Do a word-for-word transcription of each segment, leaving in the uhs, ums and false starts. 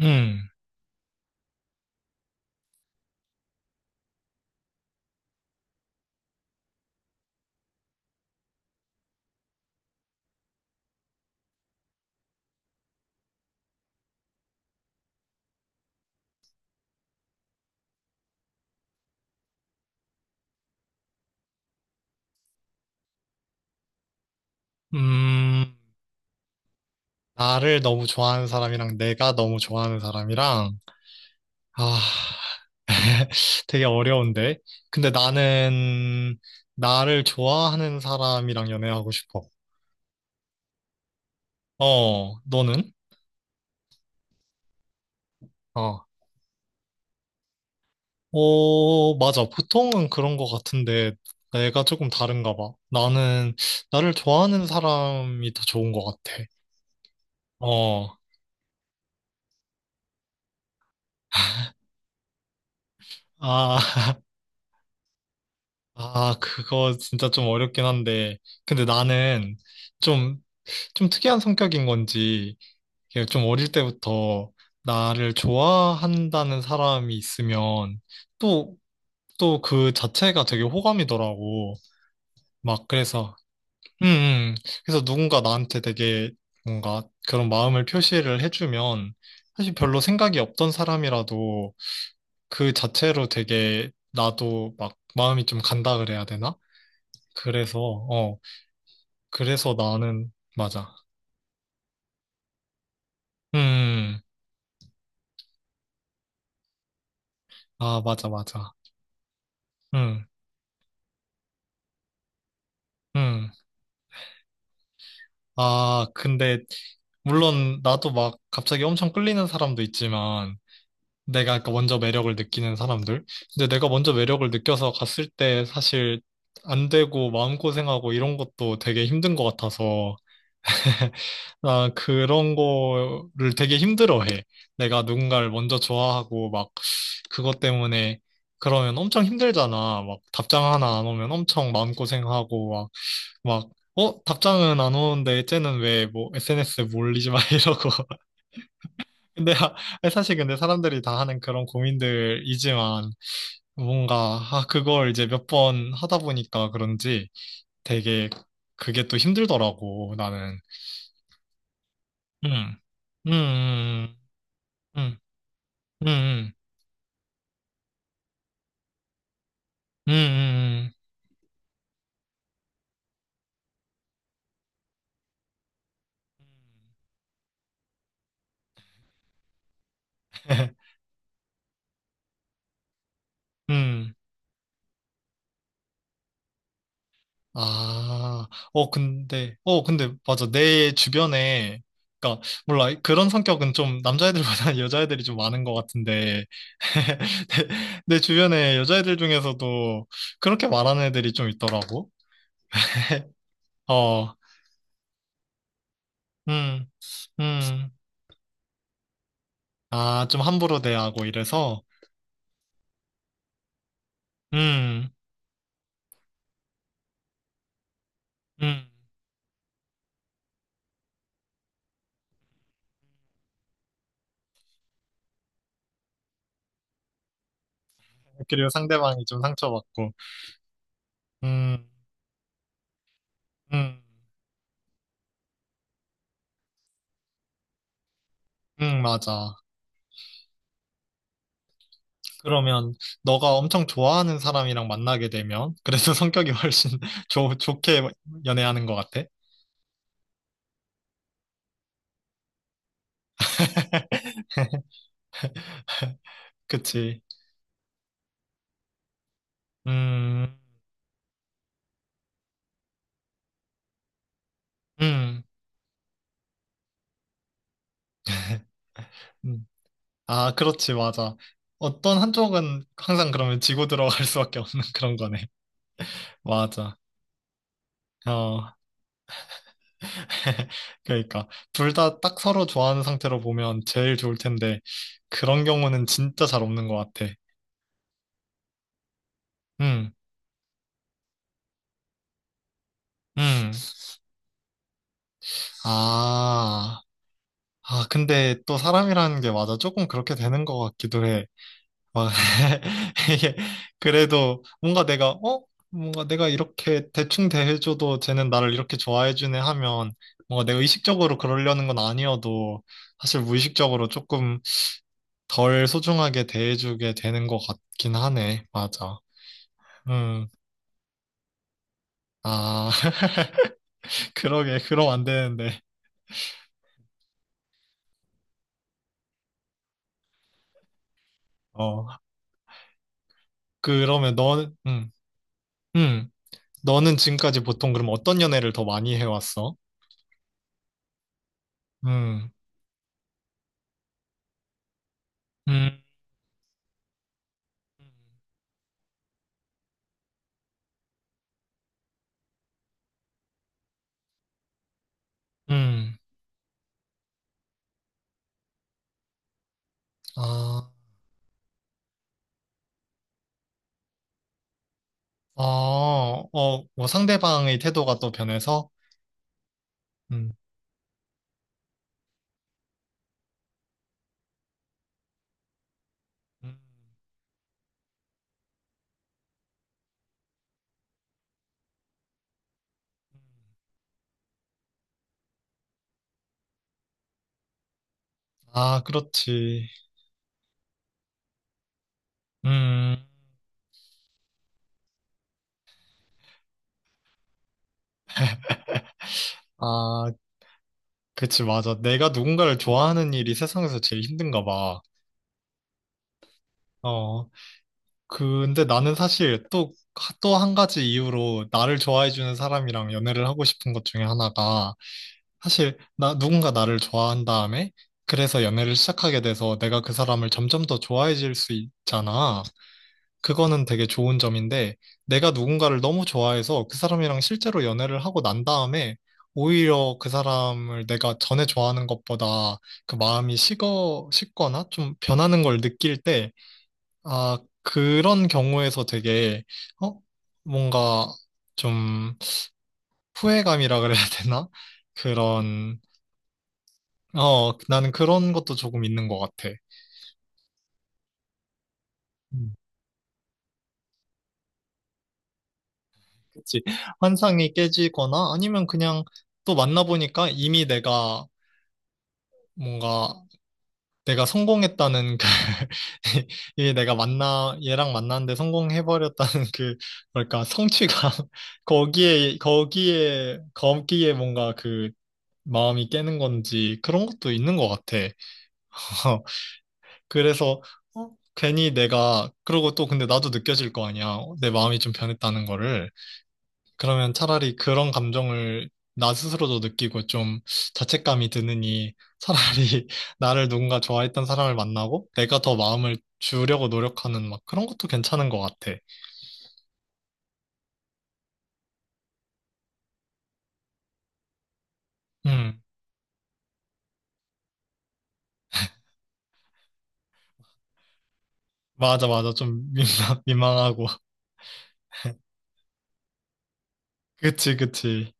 음, 음, 나를 너무 좋아하는 사람이랑 내가 너무 좋아하는 사람이랑, 아, 되게 어려운데. 근데 나는 나를 좋아하는 사람이랑 연애하고 싶어. 어, 너는? 어, 어, 맞아. 보통은 그런 것 같은데 내가 조금 다른가 봐. 나는 나를 좋아하는 사람이 더 좋은 것 같아. 어, 아, 아, 그거 진짜 좀 어렵긴 한데. 근데 나는 좀 좀 특이한 성격인 건지, 이게 좀 어릴 때부터 나를 좋아한다는 사람이 있으면 또, 또 그 자체가 되게 호감이더라고. 막 그래서, 음, 음. 그래서 누군가 나한테 되게 뭔가 그런 마음을 표시를 해주면 사실 별로 생각이 없던 사람이라도 그 자체로 되게 나도 막 마음이 좀 간다 그래야 되나? 그래서, 어, 그래서 나는, 맞아. 음, 음. 아, 맞아, 맞아. 음. 음. 아, 근데, 물론, 나도 막 갑자기 엄청 끌리는 사람도 있지만, 내가 아까 먼저 매력을 느끼는 사람들. 근데 내가 먼저 매력을 느껴서 갔을 때 사실 안 되고 마음고생하고 이런 것도 되게 힘든 것 같아서, 나 그런 거를 되게 힘들어해. 내가 누군가를 먼저 좋아하고 막 그것 때문에 그러면 엄청 힘들잖아. 막 답장 하나 안 오면 엄청 마음고생하고 막, 어, 답장은 안 오는데 쟤는 왜 뭐 에스엔에스에 뭐 올리지 마 이러고. 근데 아, 사실 근데 사람들이 다 하는 그런 고민들이지만 뭔가 아, 그걸 이제 몇 번 하다 보니까 그런지 되게 그게 또 힘들더라고 나는. 음, 음, 음, 음, 음, 음, 음, 음, 음. 음. 아, 어, 근데, 어, 근데, 맞아. 내 주변에, 그니까, 몰라. 그런 성격은 좀 남자애들보다 여자애들이 좀 많은 것 같은데, 내, 내 주변에 여자애들 중에서도 그렇게 말하는 애들이 좀 있더라고. 어, 음, 음. 아, 좀 함부로 대하고 이래서, 음, 음. 그리고 상대방이 좀 상처받고, 음, 음, 음, 맞아. 그러면 너가 엄청 좋아하는 사람이랑 만나게 되면 그래서 성격이 훨씬 좋, 좋게 연애하는 것 같아. 그치? 음, 음, 음. 아, 그렇지, 맞아. 어떤 한쪽은 항상 그러면 지고 들어갈 수밖에 없는 그런 거네. 맞아. 어, 그러니까 둘 다 딱 서로 좋아하는 상태로 보면 제일 좋을 텐데 그런 경우는 진짜 잘 없는 것 같아. 음, 음, 아. 아, 근데 또 사람이라는 게 맞아. 조금 그렇게 되는 것 같기도 해. 막, 이게, 그래도 뭔가 내가, 어? 뭔가 내가 이렇게 대충 대해줘도 쟤는 나를 이렇게 좋아해주네 하면 뭔가 내가 의식적으로 그러려는 건 아니어도 사실 무의식적으로 조금 덜 소중하게 대해주게 되는 것 같긴 하네. 맞아. 음, 아, 그러게. 그럼 안 되는데. 어, 그러면 너, 음, 음. 너는 지금까지 보통 그럼 어떤 연애를 더 많이 해왔어? 음, 음, 음, 아, 어, 어, 뭐 상대방의 태도가 또 변해서? 음, 음. 아, 그렇지. 음, 아, 그치, 맞아. 내가 누군가를 좋아하는 일이 세상에서 제일 힘든가 봐. 어, 근데 나는 사실 또, 또 한 가지 이유로 나를 좋아해주는 사람이랑 연애를 하고 싶은 것 중에 하나가 사실 나 누군가 나를 좋아한 다음에 그래서 연애를 시작하게 돼서 내가 그 사람을 점점 더 좋아해질 수 있잖아. 그거는 되게 좋은 점인데 내가 누군가를 너무 좋아해서 그 사람이랑 실제로 연애를 하고 난 다음에 오히려 그 사람을 내가 전에 좋아하는 것보다 그 마음이 식어, 식거나 좀 변하는 걸 느낄 때, 아, 그런 경우에서 되게, 어? 뭔가 좀 후회감이라 그래야 되나? 그런 어, 나는 그런 것도 조금 있는 것 같아. 음. 그치. 환상이 깨지거나 아니면 그냥 또 만나보니까 이미 내가 뭔가 내가 성공했다는 그, 이미 내가 만나, 얘랑 만났는데 성공해버렸다는 그, 뭐랄까, 성취감. 거기에, 거기에, 거기에 뭔가 그 마음이 깨는 건지 그런 것도 있는 것 같아. 그래서 어, 괜히 내가 그러고 또 근데 나도 느껴질 거 아니야. 내 마음이 좀 변했다는 거를. 그러면 차라리 그런 감정을 나 스스로도 느끼고 좀 자책감이 드느니 차라리 나를 누군가 좋아했던 사람을 만나고 내가 더 마음을 주려고 노력하는 막 그런 것도 괜찮은 것 같아. 음, 맞아, 맞아. 좀 민망, 민망하고. 그치, 그치.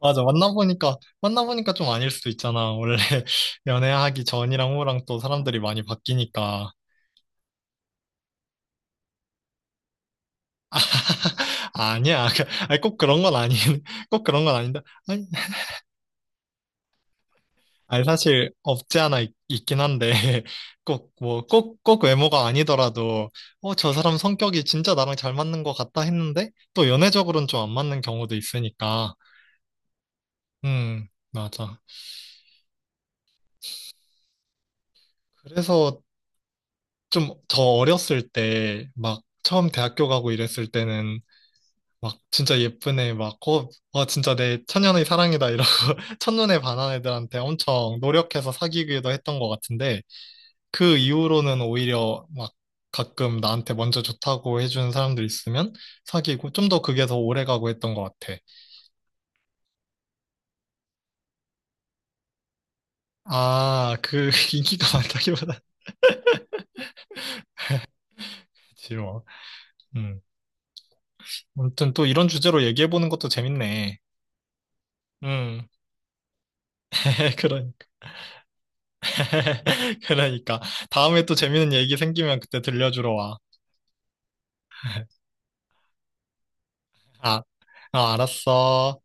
맞아. 만나보니까, 만나보니까 좀 아닐 수도 있잖아. 원래 연애하기 전이랑 후랑 또 사람들이 많이 바뀌니까. 아니야. 그- 아니, 꼭 그런 건 아닌, 꼭 그런 건 아닌데. 아니, 사실 없지 않아 있, 긴 한데, 꼭, 뭐, 꼭, 꼭 외모가 아니더라도, 어, 저 사람 성격이 진짜 나랑 잘 맞는 것 같다 했는데, 또 연애적으로는 좀 안 맞는 경우도 있으니까, 음, 맞아. 그래서 좀 저 어렸을 때, 막, 처음 대학교 가고 이랬을 때는, 막, 진짜 예쁜 애 막, 어, 와, 진짜 내 천년의 사랑이다, 이러고, 첫눈에 반한 애들한테 엄청 노력해서 사귀기도 했던 것 같은데, 그 이후로는 오히려 막 가끔 나한테 먼저 좋다고 해주는 사람들 있으면 사귀고 좀 더 그게 더 오래 가고 했던 것 같아. 아, 그 인기가 많다기보다 그치 뭐. 음. 아무튼 또 이런 주제로 얘기해보는 것도 재밌네. 음. 그러, 그러니까. 다음에 또 재밌는 얘기 생기면 그때 들려주러 와. 아, 아, 알았어.